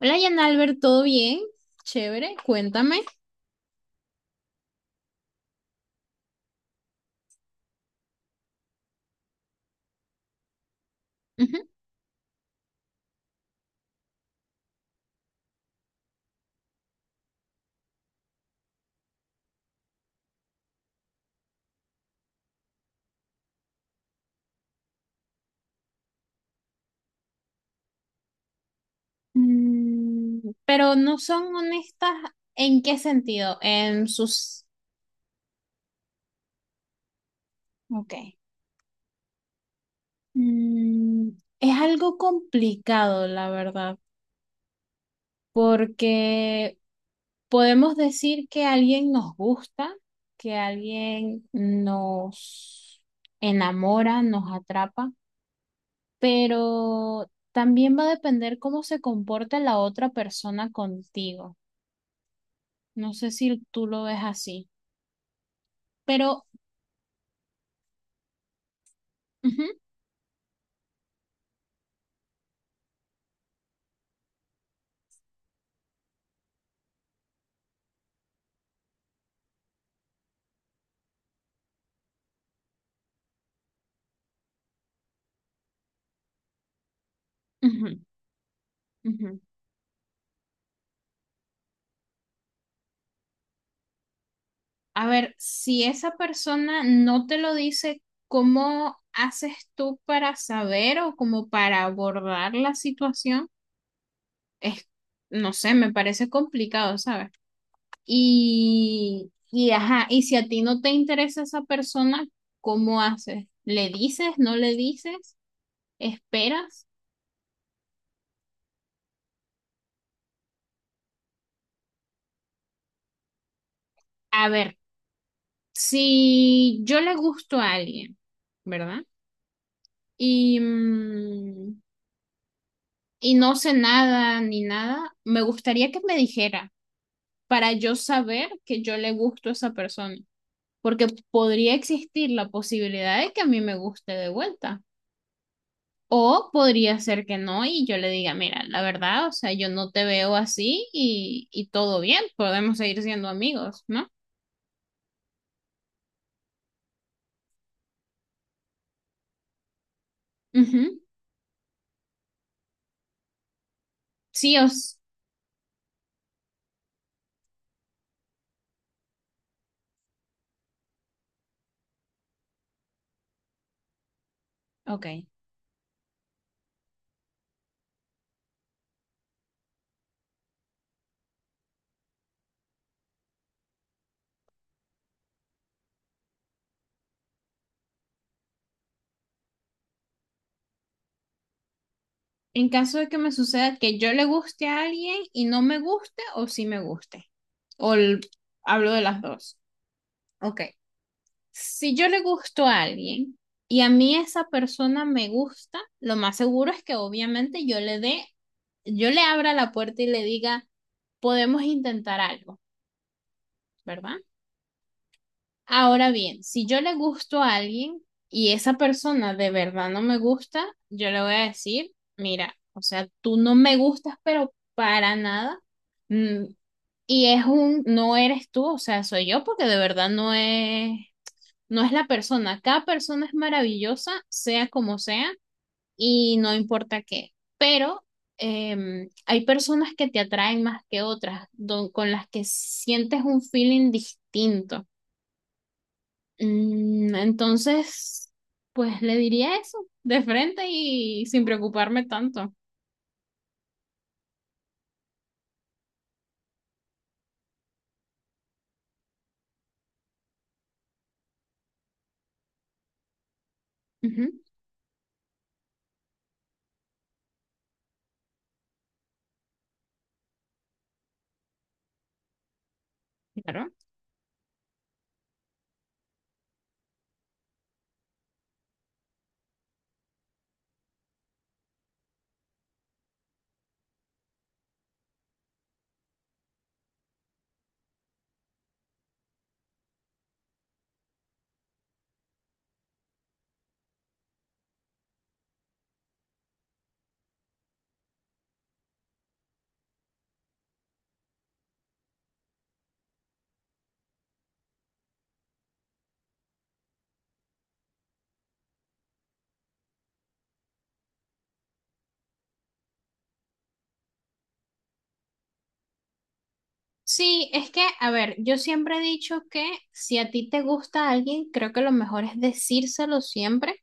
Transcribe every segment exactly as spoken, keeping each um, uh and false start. Hola, Jan Albert, ¿todo bien? Chévere, cuéntame. Ujú. Mm, pero no son honestas, ¿en qué sentido? En sus... Ok. Mm, es algo complicado, la verdad, porque podemos decir que alguien nos gusta, que alguien nos enamora, nos atrapa, pero también va a depender cómo se comporta la otra persona contigo. No sé si tú lo ves así, pero ujú, ujú, ujú. A ver, si esa persona no te lo dice, ¿cómo haces tú para saber o como para abordar la situación? Es, no sé, me parece complicado, ¿sabes? Y, y ajá, y si a ti no te interesa esa persona, ¿cómo haces? ¿Le dices? ¿No le dices? ¿Esperas? A ver, si yo le gusto a alguien, ¿verdad? Y, mm, y no sé nada ni nada, me gustaría que me dijera para yo saber que yo le gusto a esa persona, porque podría existir la posibilidad de que a mí me guste de vuelta. O podría ser que no y yo le diga, mira, la verdad, o sea, yo no te veo así y, y todo bien, podemos seguir siendo amigos, ¿no? Ujú. Sí, os... Ok. En caso de que me suceda que yo le guste a alguien y no me guste o sí me guste. O el- hablo de las dos. Ok. Si yo le gusto a alguien y a mí esa persona me gusta, lo más seguro es que obviamente yo le dé, yo le abra la puerta y le diga, podemos intentar algo, ¿verdad? Ahora bien, si yo le gusto a alguien y esa persona de verdad no me gusta, yo le voy a decir, mira, o sea, tú no me gustas, pero para nada. Mm, Y es un, no eres tú, o sea, soy yo porque de verdad no es. No es la persona, cada persona es maravillosa, sea como sea, y no importa qué. Pero em, hay personas que te atraen más que otras, don- con las que sientes un feeling distinto. Mm, entonces, pues le diría eso de frente y sin preocuparme tanto. Ujú, claro. Sí, es que, a ver, yo siempre he dicho que si a ti te gusta alguien, creo que lo mejor es decírselo siempre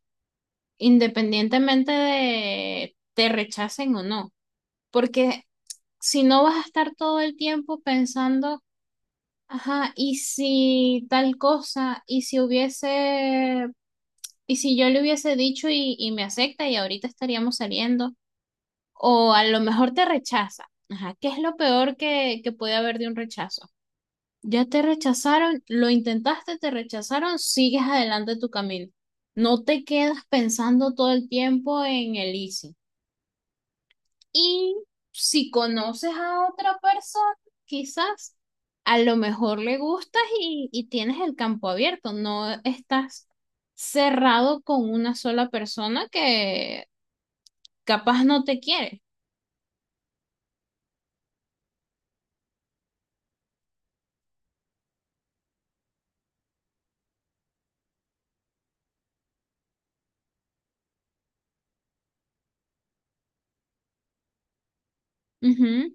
independientemente de te rechacen o no, porque si no vas a estar todo el tiempo pensando, ajá, y si tal cosa, y si hubiese, y si yo le hubiese dicho y, y me acepta y ahorita estaríamos saliendo, o a lo mejor te rechaza, ajá, ¿qué es lo peor que, que puede haber de un rechazo? Ya te rechazaron, lo intentaste, te rechazaron, sigues adelante tu camino. No te quedas pensando todo el tiempo en el easy. Y si conoces a otra persona, quizás a lo mejor le gustas y, y tienes el campo abierto, no estás cerrado con una sola persona que capaz no te quiere. Ujú,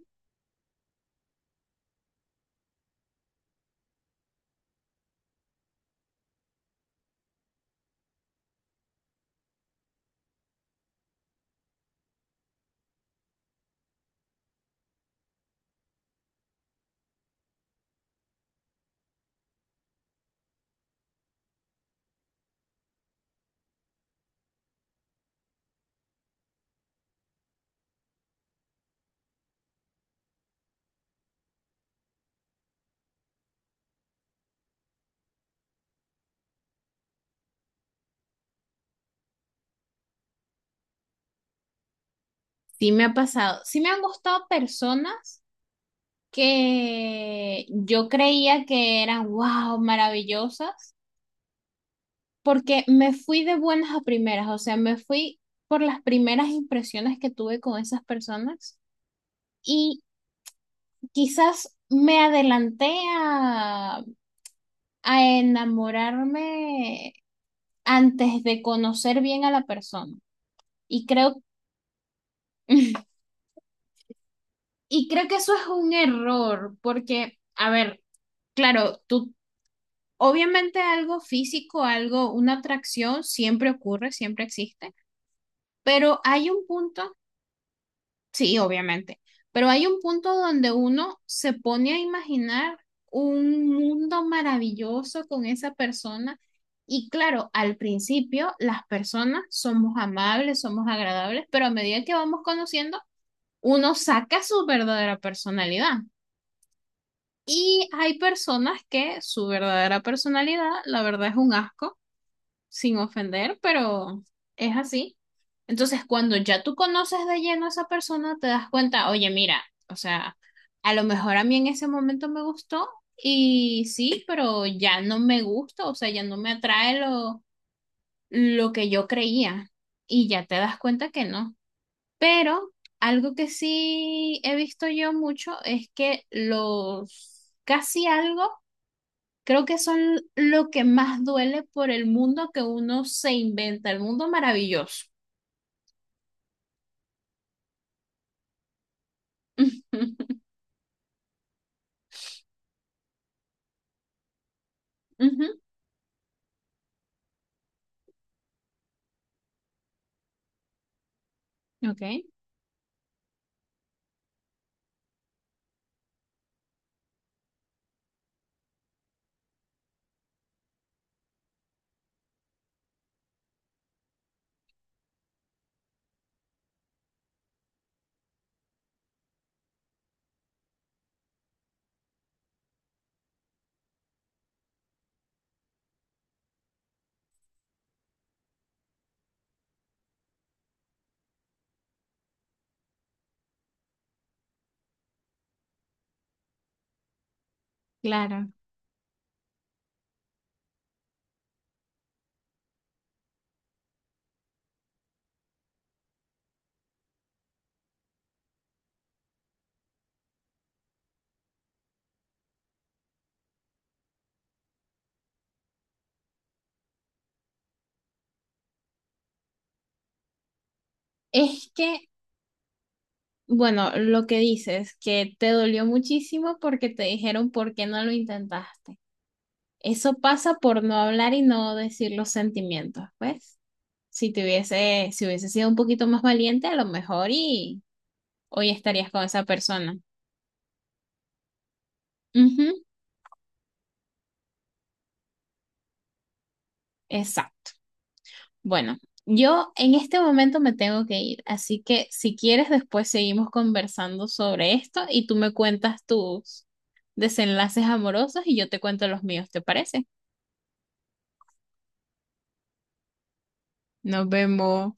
sí me ha pasado. Sí me han gustado personas que yo creía que eran, wow, maravillosas, porque me fui de buenas a primeras, o sea, me fui por las primeras impresiones que tuve con esas personas. Y quizás me adelanté a, a enamorarme antes de conocer bien a la persona. Y creo, y creo que eso es un error, porque, a ver, claro, tú, obviamente algo físico, algo, una atracción siempre ocurre, siempre existe, pero hay un punto. Sí, obviamente. Pero hay un punto donde uno se pone a imaginar un mundo maravilloso con esa persona. Y claro, al principio las personas somos amables, somos agradables, pero a medida que vamos conociendo, uno saca su verdadera personalidad. Y hay personas que su verdadera personalidad, la verdad, es un asco sin ofender, pero es así. Entonces, cuando ya tú conoces de lleno a esa persona, te das cuenta, oye, mira, o sea, a lo mejor a mí en ese momento me gustó y sí, pero ya no me gusta, o sea, ya no me atrae lo, lo que yo creía y ya te das cuenta que no. Pero algo que sí he visto yo mucho es que los casi algo. Creo que son lo que más duele por el mundo que uno se inventa, el mundo maravilloso. Ujú, ujú, ok, claro. Es que, bueno, lo que dices, que te dolió muchísimo porque te dijeron por qué no lo intentaste. Eso pasa por no hablar y no decir los sentimientos, pues. Si te hubiese, si hubiese sido un poquito más valiente, a lo mejor y hoy estarías con esa persona. Ujú, exacto. Bueno, yo en este momento me tengo que ir, así que si quieres después seguimos conversando sobre esto y tú me cuentas tus desenlaces amorosos y yo te cuento los míos, ¿te parece? Nos vemos.